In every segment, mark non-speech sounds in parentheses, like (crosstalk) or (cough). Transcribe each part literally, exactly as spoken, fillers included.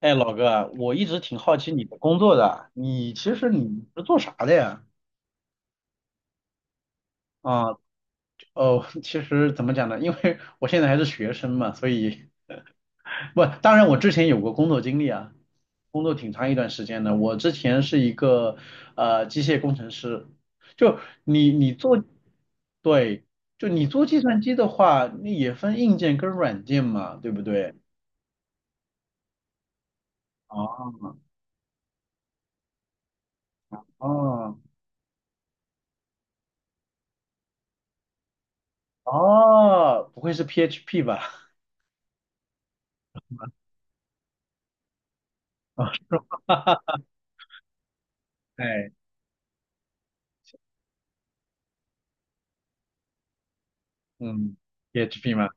哎，老哥，我一直挺好奇你的工作的，你其实你是做啥的呀？啊，哦，(laughs) 其实怎么讲呢？因为我现在还是学生嘛，所以不，当然我之前有过工作经历啊，工作挺长一段时间的。我之前是一个呃机械工程师，就你你做，对，就你做计算机的话，那也分硬件跟软件嘛，对不对？哦哦哦，不会是 P H P 吧？(laughs) 哈哈，哎。嗯，PHP 吗？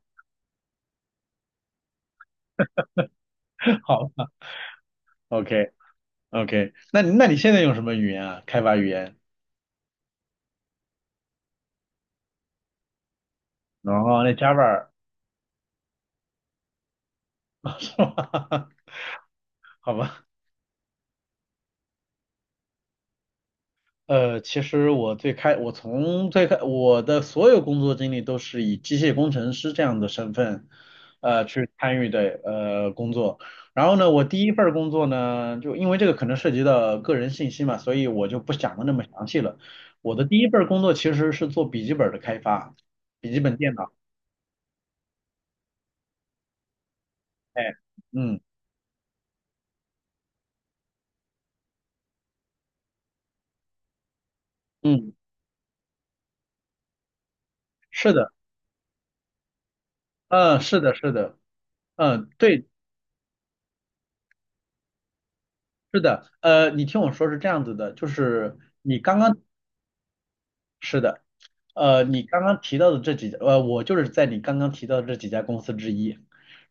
(laughs) 好吧，OK OK，那你那你现在用什么语言啊？开发语言？哦，那 Java 儿 (laughs) 是吧？好吧。呃，其实我最开，我从最开，我的所有工作经历都是以机械工程师这样的身份，呃，去参与的呃工作。然后呢，我第一份儿工作呢，就因为这个可能涉及到个人信息嘛，所以我就不讲的那么详细了。我的第一份儿工作其实是做笔记本儿的开发，笔记本电脑。哎，嗯嗯，是的，嗯，是的，是的，嗯，对，是的，呃，你听我说是这样子的，就是你刚刚是的，呃，你刚刚提到的这几家，呃，我就是在你刚刚提到的这几家公司之一。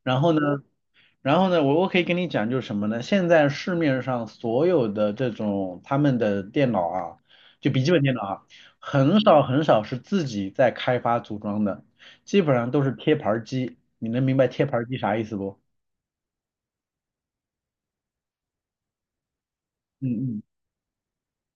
然后呢，然后呢，我我可以跟你讲，就是什么呢？现在市面上所有的这种他们的电脑啊，就笔记本电脑啊，很少很少是自己在开发组装的，基本上都是贴牌儿机。你能明白贴牌儿机啥意思不？嗯嗯，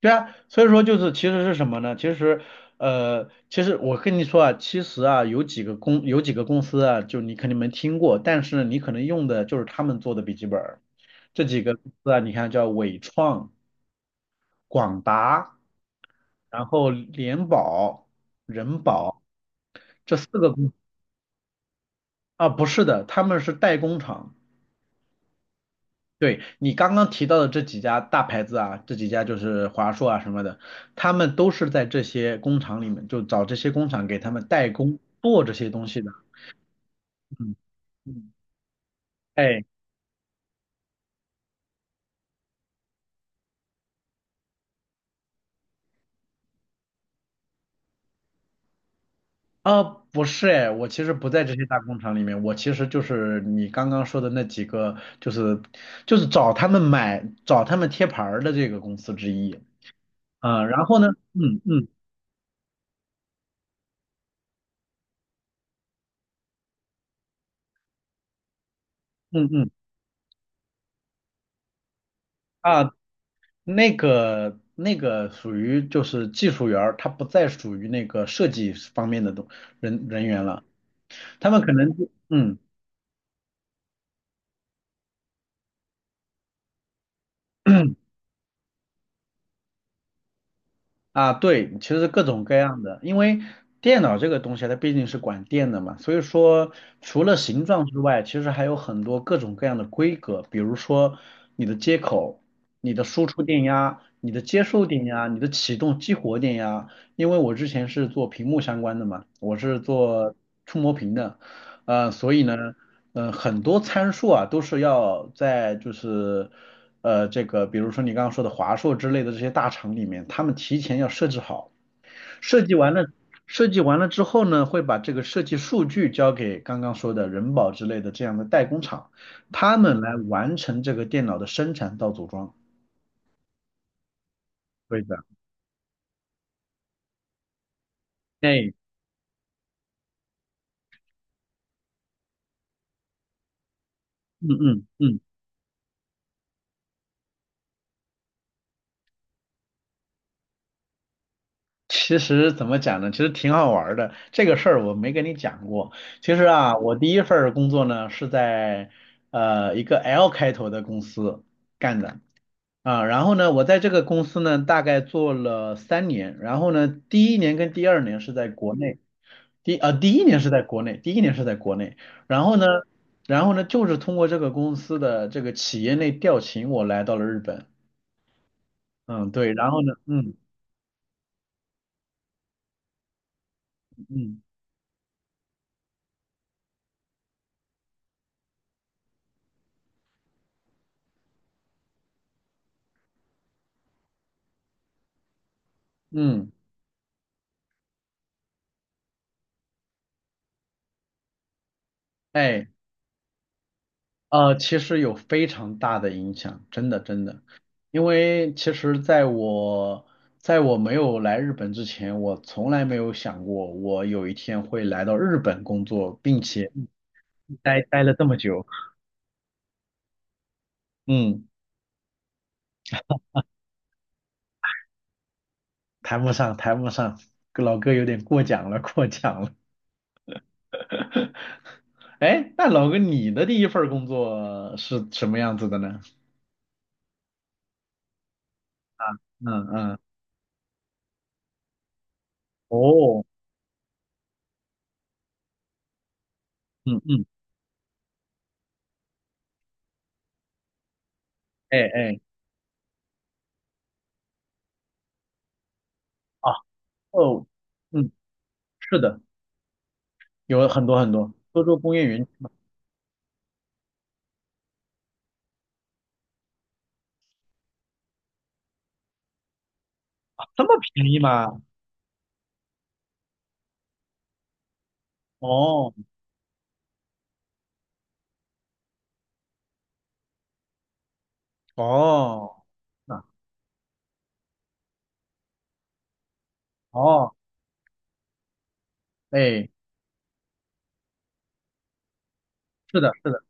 对啊，所以说就是其实是什么呢？其实，呃，其实我跟你说啊，其实啊，有几个公有几个公司啊，就你肯定没听过，但是呢你可能用的就是他们做的笔记本儿。这几个公司啊，你看叫伟创、广达，然后联保、人保这四个公司啊，不是的，他们是代工厂。对，你刚刚提到的这几家大牌子啊，这几家就是华硕啊什么的，他们都是在这些工厂里面，就找这些工厂给他们代工做这些东西的。嗯嗯，哎，啊，不是哎，我其实不在这些大工厂里面，我其实就是你刚刚说的那几个，就是就是找他们买、找他们贴牌儿的这个公司之一。啊。然后呢，嗯嗯嗯嗯，啊，那个那个属于就是技术员儿，他不再属于那个设计方面的东人人员了，他们可能就嗯。啊对，其实各种各样的，因为电脑这个东西它毕竟是管电的嘛，所以说除了形状之外，其实还有很多各种各样的规格，比如说你的接口、你的输出电压、你的接收电压、你的启动激活电压，因为我之前是做屏幕相关的嘛，我是做触摸屏的。呃，所以呢，呃，很多参数啊，都是要在就是，呃，这个比如说你刚刚说的华硕之类的这些大厂里面，他们提前要设置好，设计完了，设计完了之后呢，会把这个设计数据交给刚刚说的人保之类的这样的代工厂，他们来完成这个电脑的生产到组装。对的，哎，嗯嗯嗯。其实怎么讲呢？其实挺好玩儿的。这个事儿我没跟你讲过。其实啊，我第一份儿工作呢是在呃一个 L 开头的公司干的啊。然后呢，我在这个公司呢大概做了三年。然后呢，第一年跟第二年是在国内，第呃第一年是在国内，第一年是在国内。然后呢，然后呢就是通过这个公司的这个企业内调勤，我来到了日本。嗯，对。然后呢，嗯嗯嗯，哎。呃，其实有非常大的影响，真的真的，因为其实在我在我没有来日本之前，我从来没有想过我有一天会来到日本工作，并且待待了这么久。嗯，谈不上，谈不上，老哥有点过奖了，过奖了。(laughs) 哎，那老哥，你的第一份工作是什么样子的呢？啊，嗯嗯，哦，嗯嗯，哎哎，啊，哦，嗯，是的。有很多很多，多州工业园区啊，这么便宜吗？哦哦，那哦，哎，是的，是的，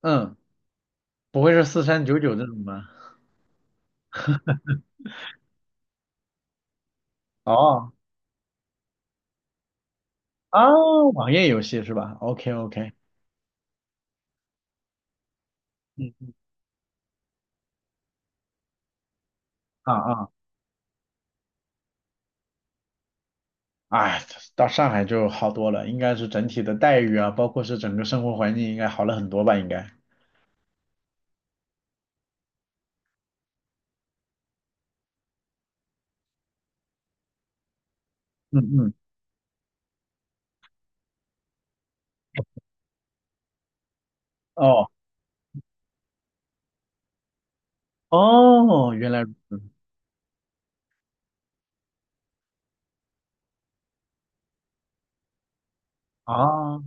嗯，不会是四三九九这种吧？哦哦，网页游戏是吧？OK OK，嗯啊啊，哎，到上海就好多了，应该是整体的待遇啊，包括是整个生活环境应该好了很多吧？应该，嗯嗯，哦哦，原来啊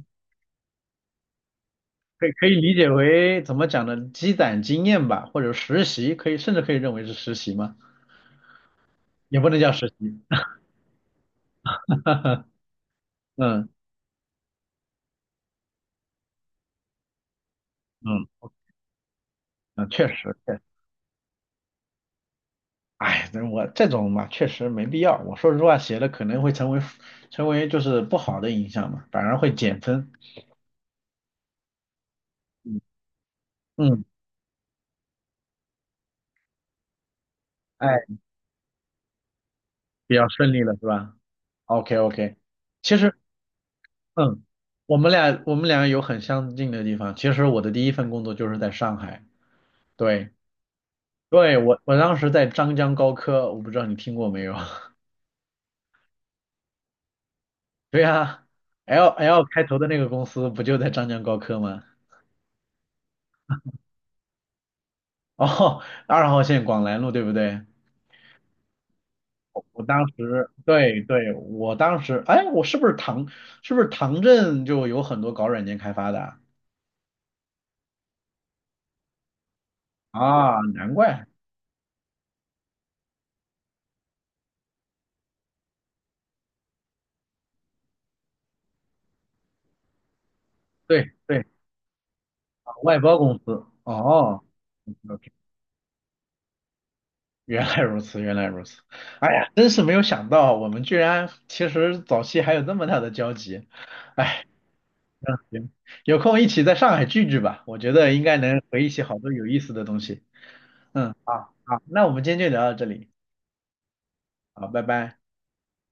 可以可以理解为怎么讲呢？积攒经验吧，或者实习，可以甚至可以认为是实习嘛？也不能叫实习。(laughs) 嗯嗯嗯，确实，确实，哎，这我这种嘛，确实没必要。我说实话，写的可能会成为成为就是不好的影响嘛，反而会减分。嗯嗯，哎，比较顺利了是吧？OK OK，其实嗯，我们俩我们俩有很相近的地方。其实我的第一份工作就是在上海，对。对，我我当时在张江高科，我不知道你听过没有？(laughs) 对呀，L L 开头的那个公司不就在张江高科吗？(laughs) 哦，二号线广兰路对不对？我当时，对对，我当时，哎，我是不是唐，是不是唐镇就有很多搞软件开发的啊？啊难怪，对对，啊外包公司，哦，OK，原来如此，原来如此，哎呀，真是没有想到，我们居然其实早期还有这么大的交集。哎。嗯，行，有空一起在上海聚聚吧，我觉得应该能回忆起好多有意思的东西。嗯，好，好，那我们今天就聊到这里，好，拜拜。